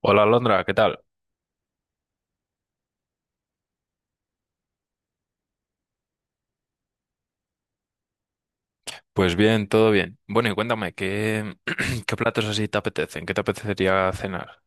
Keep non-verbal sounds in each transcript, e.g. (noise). Hola Londra, ¿qué tal? Pues bien, todo bien. Bueno, y cuéntame, ¿qué, (clears throat) qué platos así te apetecen? ¿Qué te apetecería cenar?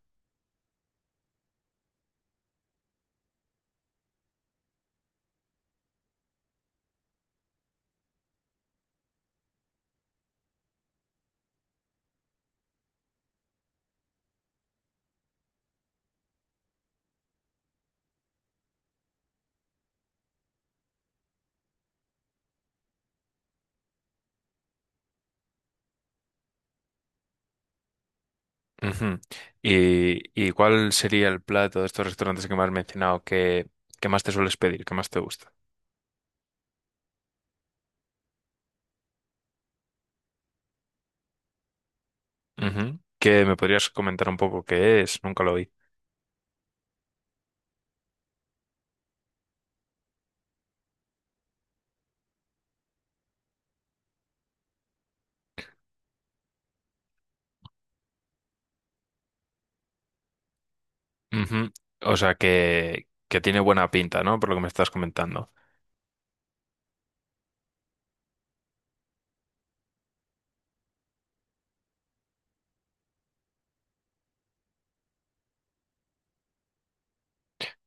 Ujú. ¿Y cuál sería el plato de estos restaurantes que me has mencionado que más te sueles pedir, que más te gusta? Ujú. ¿Qué me podrías comentar un poco qué es? Nunca lo vi. Ujú. O sea, que tiene buena pinta, ¿no? Por lo que me estás comentando.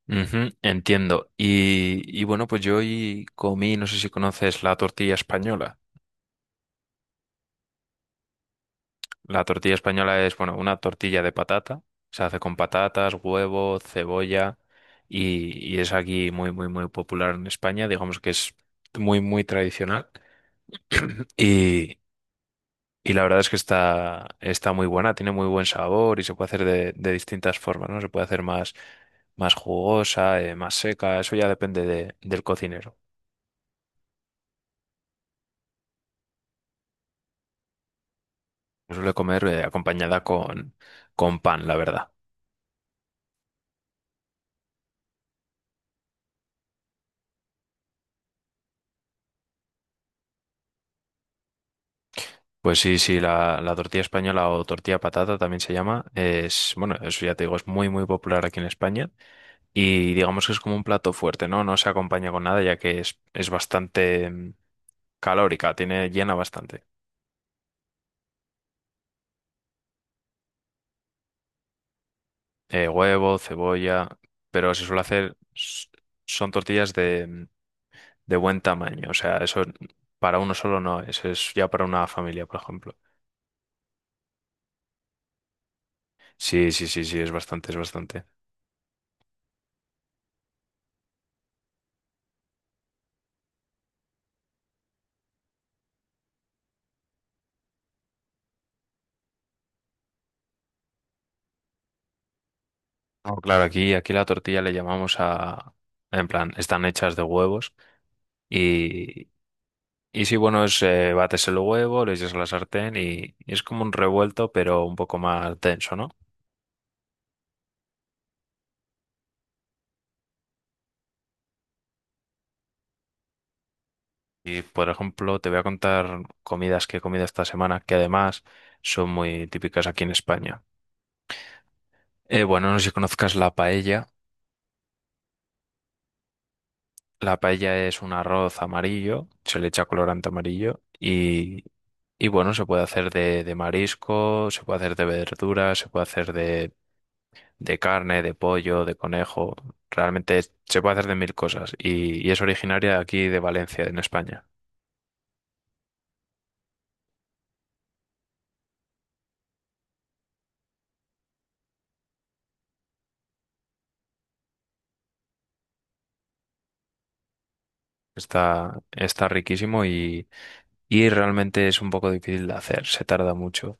Ujú, entiendo. Y bueno, pues yo hoy comí, no sé si conoces la tortilla española. La tortilla española es, bueno, una tortilla de patata. Se hace con patatas, huevo, cebolla y es aquí muy, muy, muy popular en España. Digamos que es muy, muy tradicional. (clears throat) Y, y la verdad es que está, está muy buena, tiene muy buen sabor y se puede hacer de distintas formas, ¿no? Se puede hacer más, más jugosa, más seca, eso ya depende del cocinero. Se suele comer, acompañada con pan, la verdad. Pues sí, sí, la tortilla española o tortilla patata también se llama. Es, bueno, eso ya te digo, es muy, muy popular aquí en España. Y digamos que es como un plato fuerte, ¿no? No se acompaña con nada, ya que es bastante calórica, tiene, llena bastante. Huevo, cebolla, pero se suele hacer, son tortillas de, de buen tamaño. O sea, eso para uno solo no es, es ya para una familia, por ejemplo. Sí, sí, sí, sí, es bastante, es bastante. No, claro, aquí, aquí la tortilla le llamamos a, en plan, están hechas de huevos y, y sí, bueno, es, bates el huevo, le echas a la sartén y es como un revuelto, pero un poco más denso, ¿no? Y, por ejemplo, te voy a contar comidas que he comido esta semana, que además son muy típicas aquí en España. Bueno, no sé si conozcas la paella. La paella es un arroz amarillo, se le echa colorante amarillo y bueno, se puede hacer de marisco, se puede hacer de verduras, se puede hacer de carne, de pollo, de conejo. Realmente se puede hacer de mil cosas y es originaria de aquí de Valencia, en España. Está, está riquísimo y realmente es un poco difícil de hacer, se tarda mucho.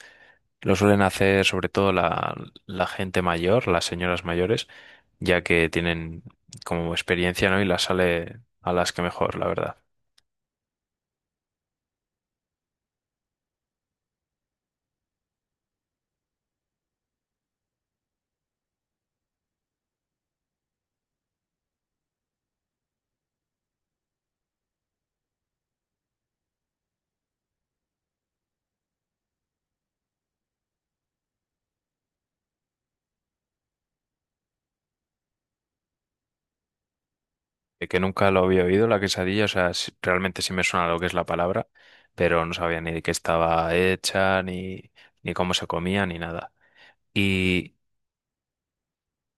Lo suelen hacer sobre todo la, la gente mayor, las señoras mayores ya que tienen como experiencia, ¿no? Y la sale a las que mejor, la verdad. Que nunca lo había oído, la quesadilla, o sea, sí- realmente sí me suena lo que es la palabra, pero no sabía ni de qué estaba hecha, ni, ni cómo se comía, ni nada. Y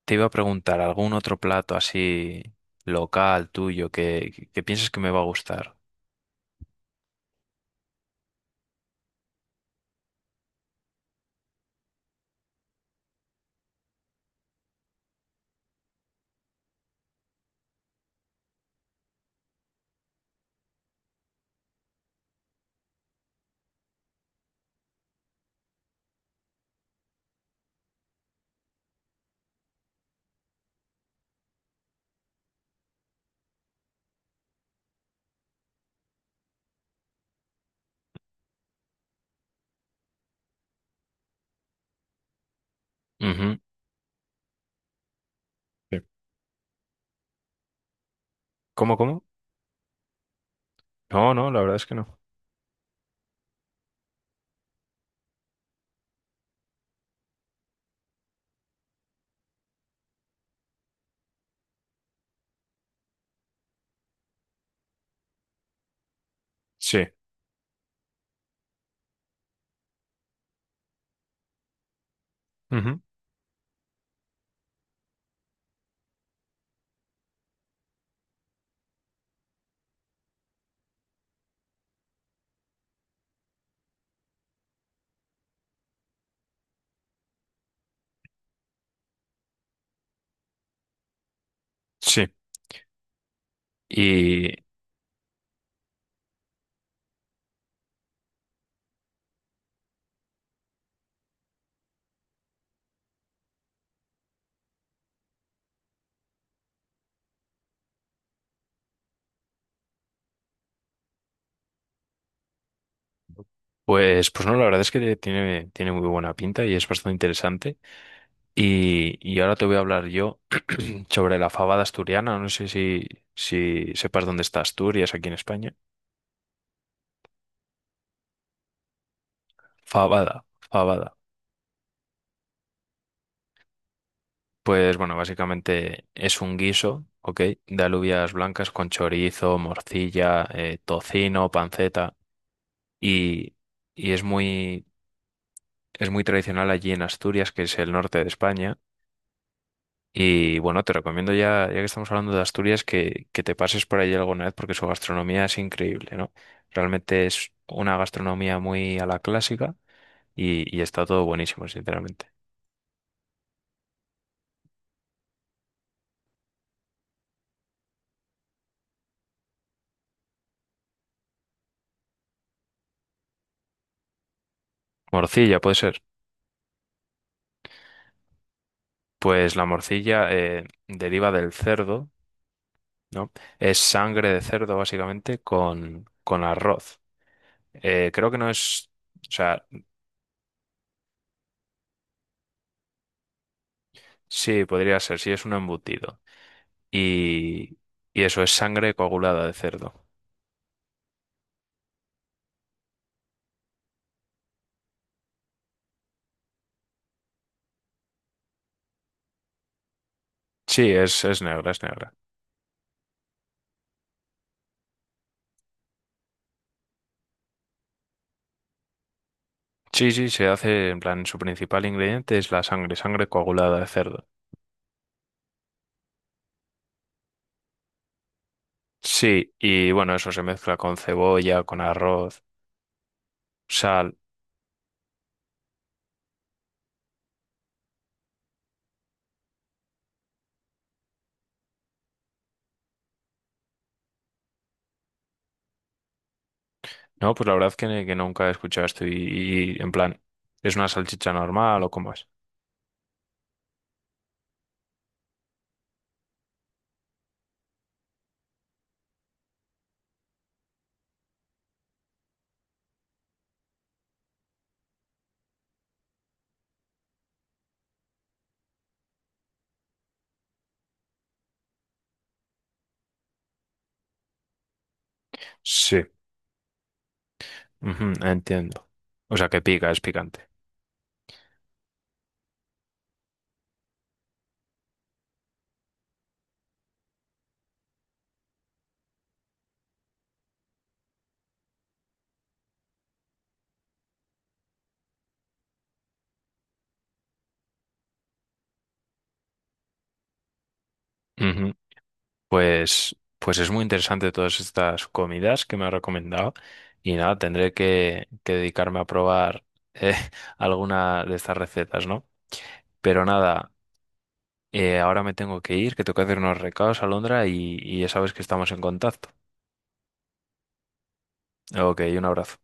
te iba a preguntar, ¿algún otro plato así local tuyo que pienses que me va a gustar? Ujú. Sí. ¿Cómo, cómo? No, no, la verdad es que no. Sí. Ujú. Sí. Pues, pues no, la verdad es que tiene, tiene muy buena pinta y es bastante interesante. Y ahora te voy a hablar yo (clears throat) sobre la fabada asturiana. No sé si, si sepas dónde está Asturias aquí en España. Fabada, fabada. Pues bueno, básicamente es un guiso, ¿ok? De alubias blancas con chorizo, morcilla, tocino, panceta. Y, y es muy tradicional allí en Asturias, que es el norte de España. Y bueno, te recomiendo ya, ya que estamos hablando de Asturias, que te pases por allí alguna vez porque su gastronomía es increíble, ¿no? Realmente es una gastronomía muy a la clásica y está todo buenísimo, sinceramente. Morcilla, puede ser. Pues la morcilla deriva del cerdo, ¿no? Es sangre de cerdo, básicamente, con arroz. Creo que no es, o sea, sí, podría ser, sí es un embutido. Y, y eso es sangre coagulada de cerdo. Sí, es negra, es negra. Sí, sí, se hace en plan, su principal ingrediente es la sangre, sangre coagulada de cerdo. Sí, y bueno, eso se mezcla con cebolla, con arroz, sal. No, pues la verdad que nunca he escuchado esto y, en plan, ¿es una salchicha normal o cómo es? Sí, ujú, entiendo. O sea, que pica, es picante. Ujú. Pues, pues es muy interesante todas estas comidas que me ha recomendado y nada, tendré que dedicarme a probar eh, (laughs) alguna de estas recetas, ¿no? Pero nada. Ahora me tengo que ir, que tengo que hacer unos recados a Londra y ya sabes que estamos en contacto. Ok, un abrazo.